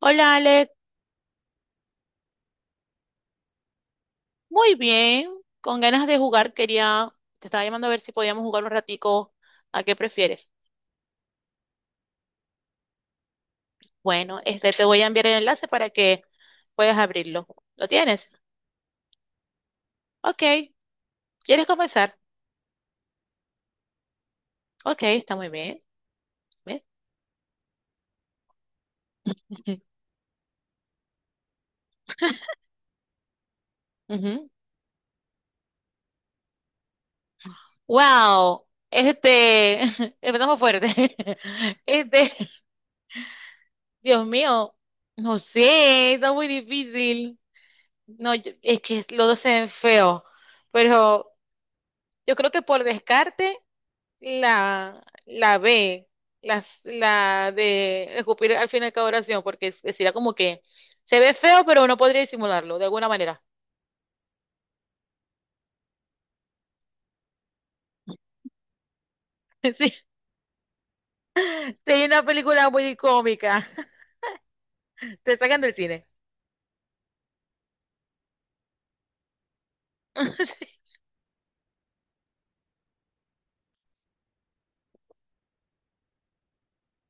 Hola Ale, muy bien, con ganas de jugar quería, te estaba llamando a ver si podíamos jugar un ratico, ¿a qué prefieres? Bueno, te voy a enviar el enlace para que puedas abrirlo. ¿Lo tienes? Ok, ¿quieres comenzar? Ok, está muy bien. Bien. Ujú. Wow, empezamos fuerte. Este, Dios mío, no sé, está muy difícil. No, es que los dos se ven feos, pero yo creo que por descarte, la B, la de escupir al final de cada oración, porque sería como que se ve feo, pero uno podría disimularlo de alguna manera. Sí, sería una película muy cómica. Te sacan del cine.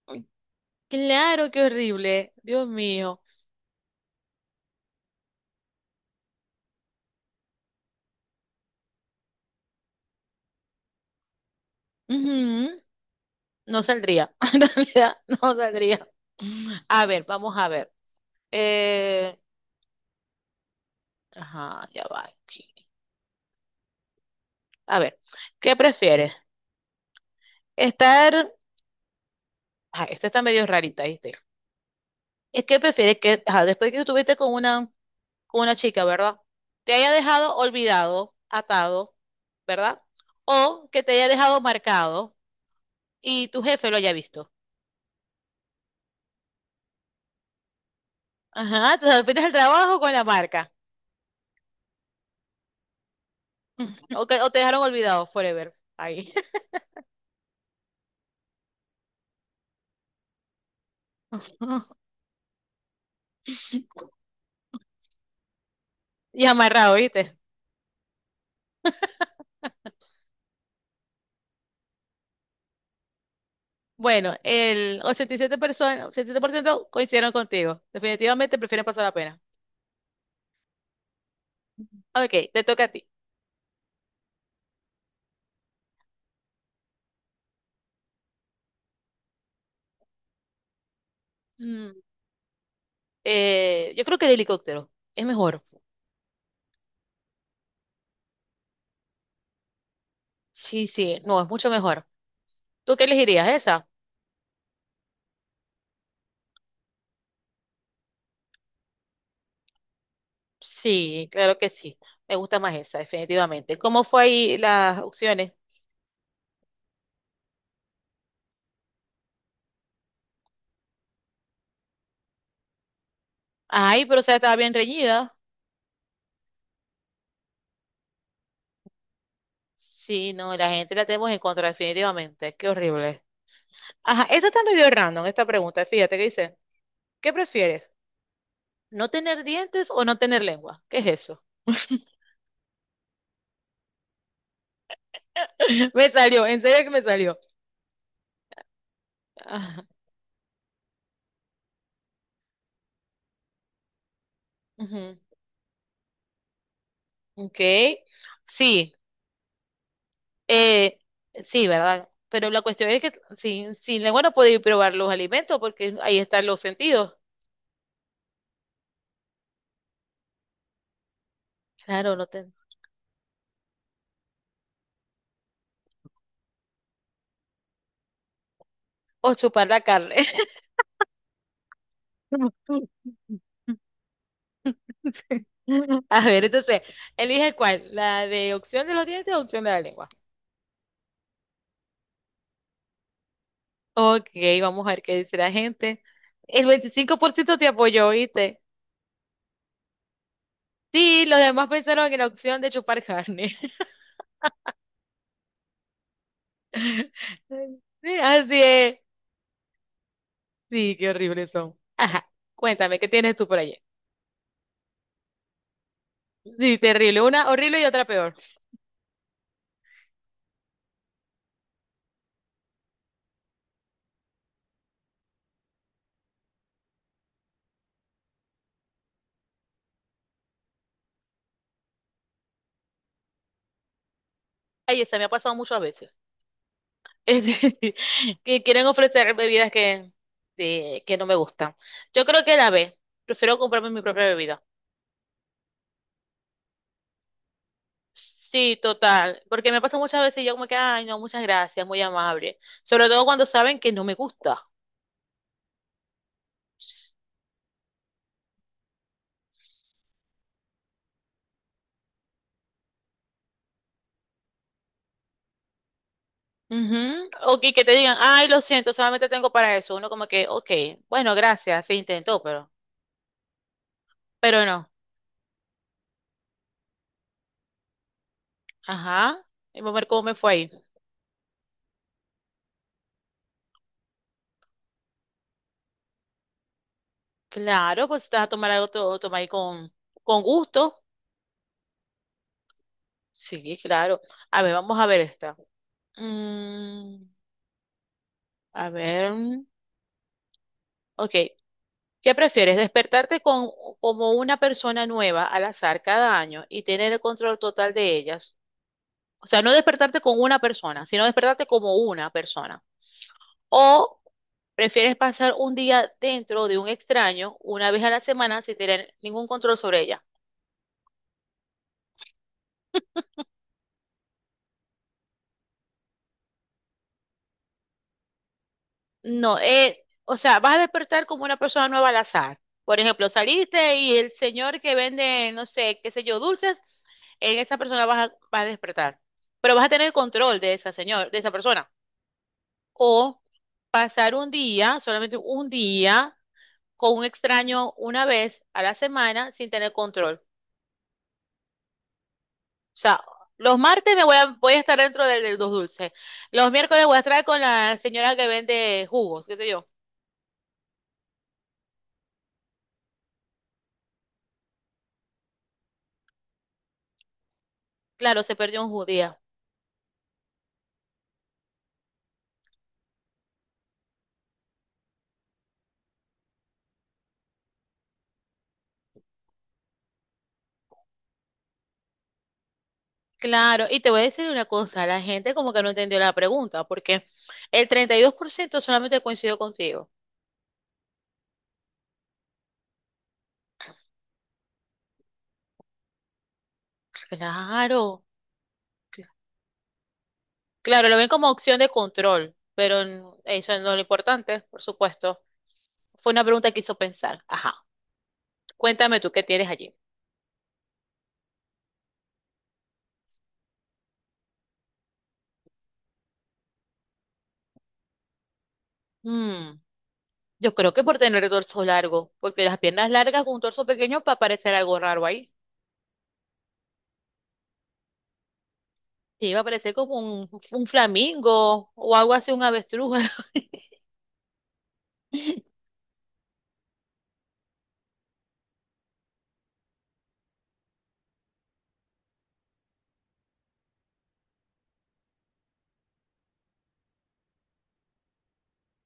Sí. Claro, qué horrible. Dios mío. Ujú. No saldría. En realidad, no saldría. A ver, vamos a ver. Eh, ajá, ya va aquí. A ver, ¿qué prefieres? Estar. Ah, esta está medio rarita, ¿viste? Es que prefieres que, ajá, después que estuviste con una chica, ¿verdad? Te haya dejado olvidado, atado, ¿verdad? O que te haya dejado marcado y tu jefe lo haya visto. Ajá, te despides el trabajo con la marca. O te dejaron olvidado, forever. Ahí. Y amarrado, ¿viste? Bueno, el 87 personas, 87% coincidieron contigo. Definitivamente prefieren pasar la pena. Ok, te toca a ti. Mm, yo creo que el helicóptero es mejor. Sí, sí, no, es mucho mejor. ¿Tú qué elegirías esa? Sí, claro que sí. Me gusta más esa, definitivamente. ¿Cómo fue ahí las opciones? Ay, pero o sea, estaba bien reñida. Sí, no, la gente la tenemos en contra, definitivamente. Qué horrible. Ajá, esta está medio random, esta pregunta. Fíjate que dice, ¿qué prefieres? ¿No tener dientes o no tener lengua? ¿Qué es eso? Me salió, en serio que me salió. Ajá. Ujú. Ok. Sí. Eh, sí, ¿verdad? Pero la cuestión es que sin lengua no podéis probar los alimentos porque ahí están los sentidos. Claro, no te... O chupar la carne. A ver, entonces, elige cuál, la de opción de los dientes o opción de la lengua. Ok, vamos a ver qué dice la gente. El 25% te apoyó, ¿viste? Sí, los demás pensaron en la opción de chupar carne. Sí, así es. Sí, qué horribles son. Ajá, cuéntame, ¿qué tienes tú por allí? Sí, terrible. Una horrible y otra peor. Ay, se me ha pasado muchas veces. Es decir, que quieren ofrecer bebidas que, que no me gustan. Yo creo que la B. Prefiero comprarme mi propia bebida. Sí, total. Porque me pasa muchas veces y yo como que, ay, no, muchas gracias, muy amable. Sobre todo cuando saben que no me gusta. Ujú. O que te digan, ay, lo siento, solamente tengo para eso. Uno como que, ok, bueno, gracias, se intentó, pero no. Ajá. Y vamos a ver cómo me fue ahí. Claro, pues te vas a tomar algo, te lo tomas ahí con gusto. Sí, claro. A ver, vamos a ver esta. Mm, a ver. Ok. ¿Qué prefieres? ¿Despertarte como una persona nueva al azar cada año y tener el control total de ellas? O sea, no despertarte con una persona, sino despertarte como una persona. ¿O prefieres pasar un día dentro de un extraño una vez a la semana sin tener ningún control sobre ella? No, o sea, vas a despertar como una persona nueva al azar. Por ejemplo, saliste y el señor que vende, no sé, qué sé yo, dulces, en esa persona vas a despertar. Pero vas a tener control de esa señor, de esa persona. O pasar un día, solamente un día, con un extraño una vez a la semana sin tener control. O sea, los martes voy a estar dentro de los dulces. Los miércoles voy a estar con la señora que vende jugos, qué sé yo. Claro, se perdió un judío. Claro, y te voy a decir una cosa, la gente como que no entendió la pregunta, porque el 32% solamente coincidió contigo. Claro, claro, lo ven como opción de control, pero eso no es lo importante, por supuesto. Fue una pregunta que hizo pensar. Ajá, cuéntame tú qué tienes allí. Mm, yo creo que por tener el torso largo, porque las piernas largas con un torso pequeño va a parecer algo raro ahí. Sí, va a parecer como un flamingo o algo así, un avestruz.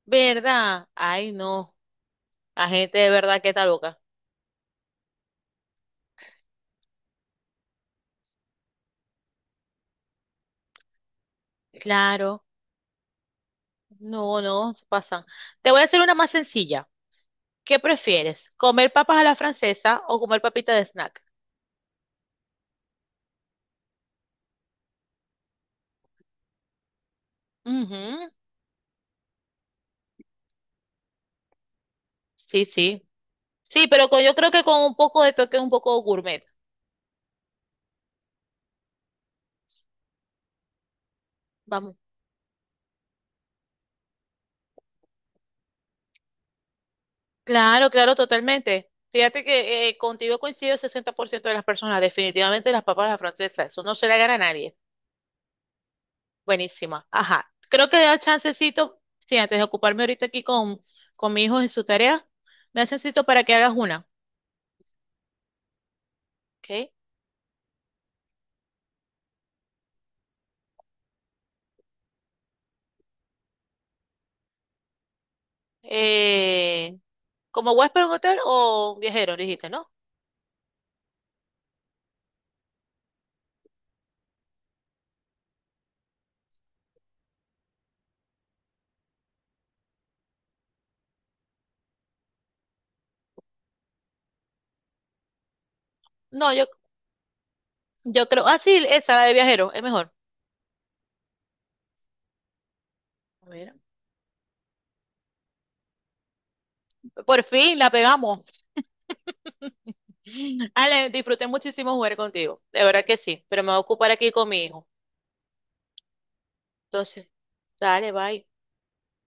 ¿Verdad? Ay, no. La gente de verdad que está loca. Claro, no, no, se pasan. Te voy a hacer una más sencilla. ¿Qué prefieres? ¿Comer papas a la francesa o comer papitas de snack? Ujú. Sí, sí. Sí, pero yo creo que con un poco de toque, un poco gourmet. Vamos. Claro, claro, totalmente. Fíjate que contigo coincido el 60% de las personas. Definitivamente las papas a la francesa. Eso no se le gana a nadie. Buenísimo. Ajá. Creo que da chancecito, sí, antes de ocuparme ahorita aquí con mi hijo en su tarea, me da chancecito para que hagas una. ¿Ok? Eh, ¿Como huésped en un hotel o viajero, dijiste, no? No, yo creo. Ah, sí, esa, la de viajero, es mejor. A ver, por fin la pegamos. Ale, disfruté muchísimo jugar contigo. De verdad que sí, pero me voy a ocupar aquí con mi hijo. Entonces, dale, bye.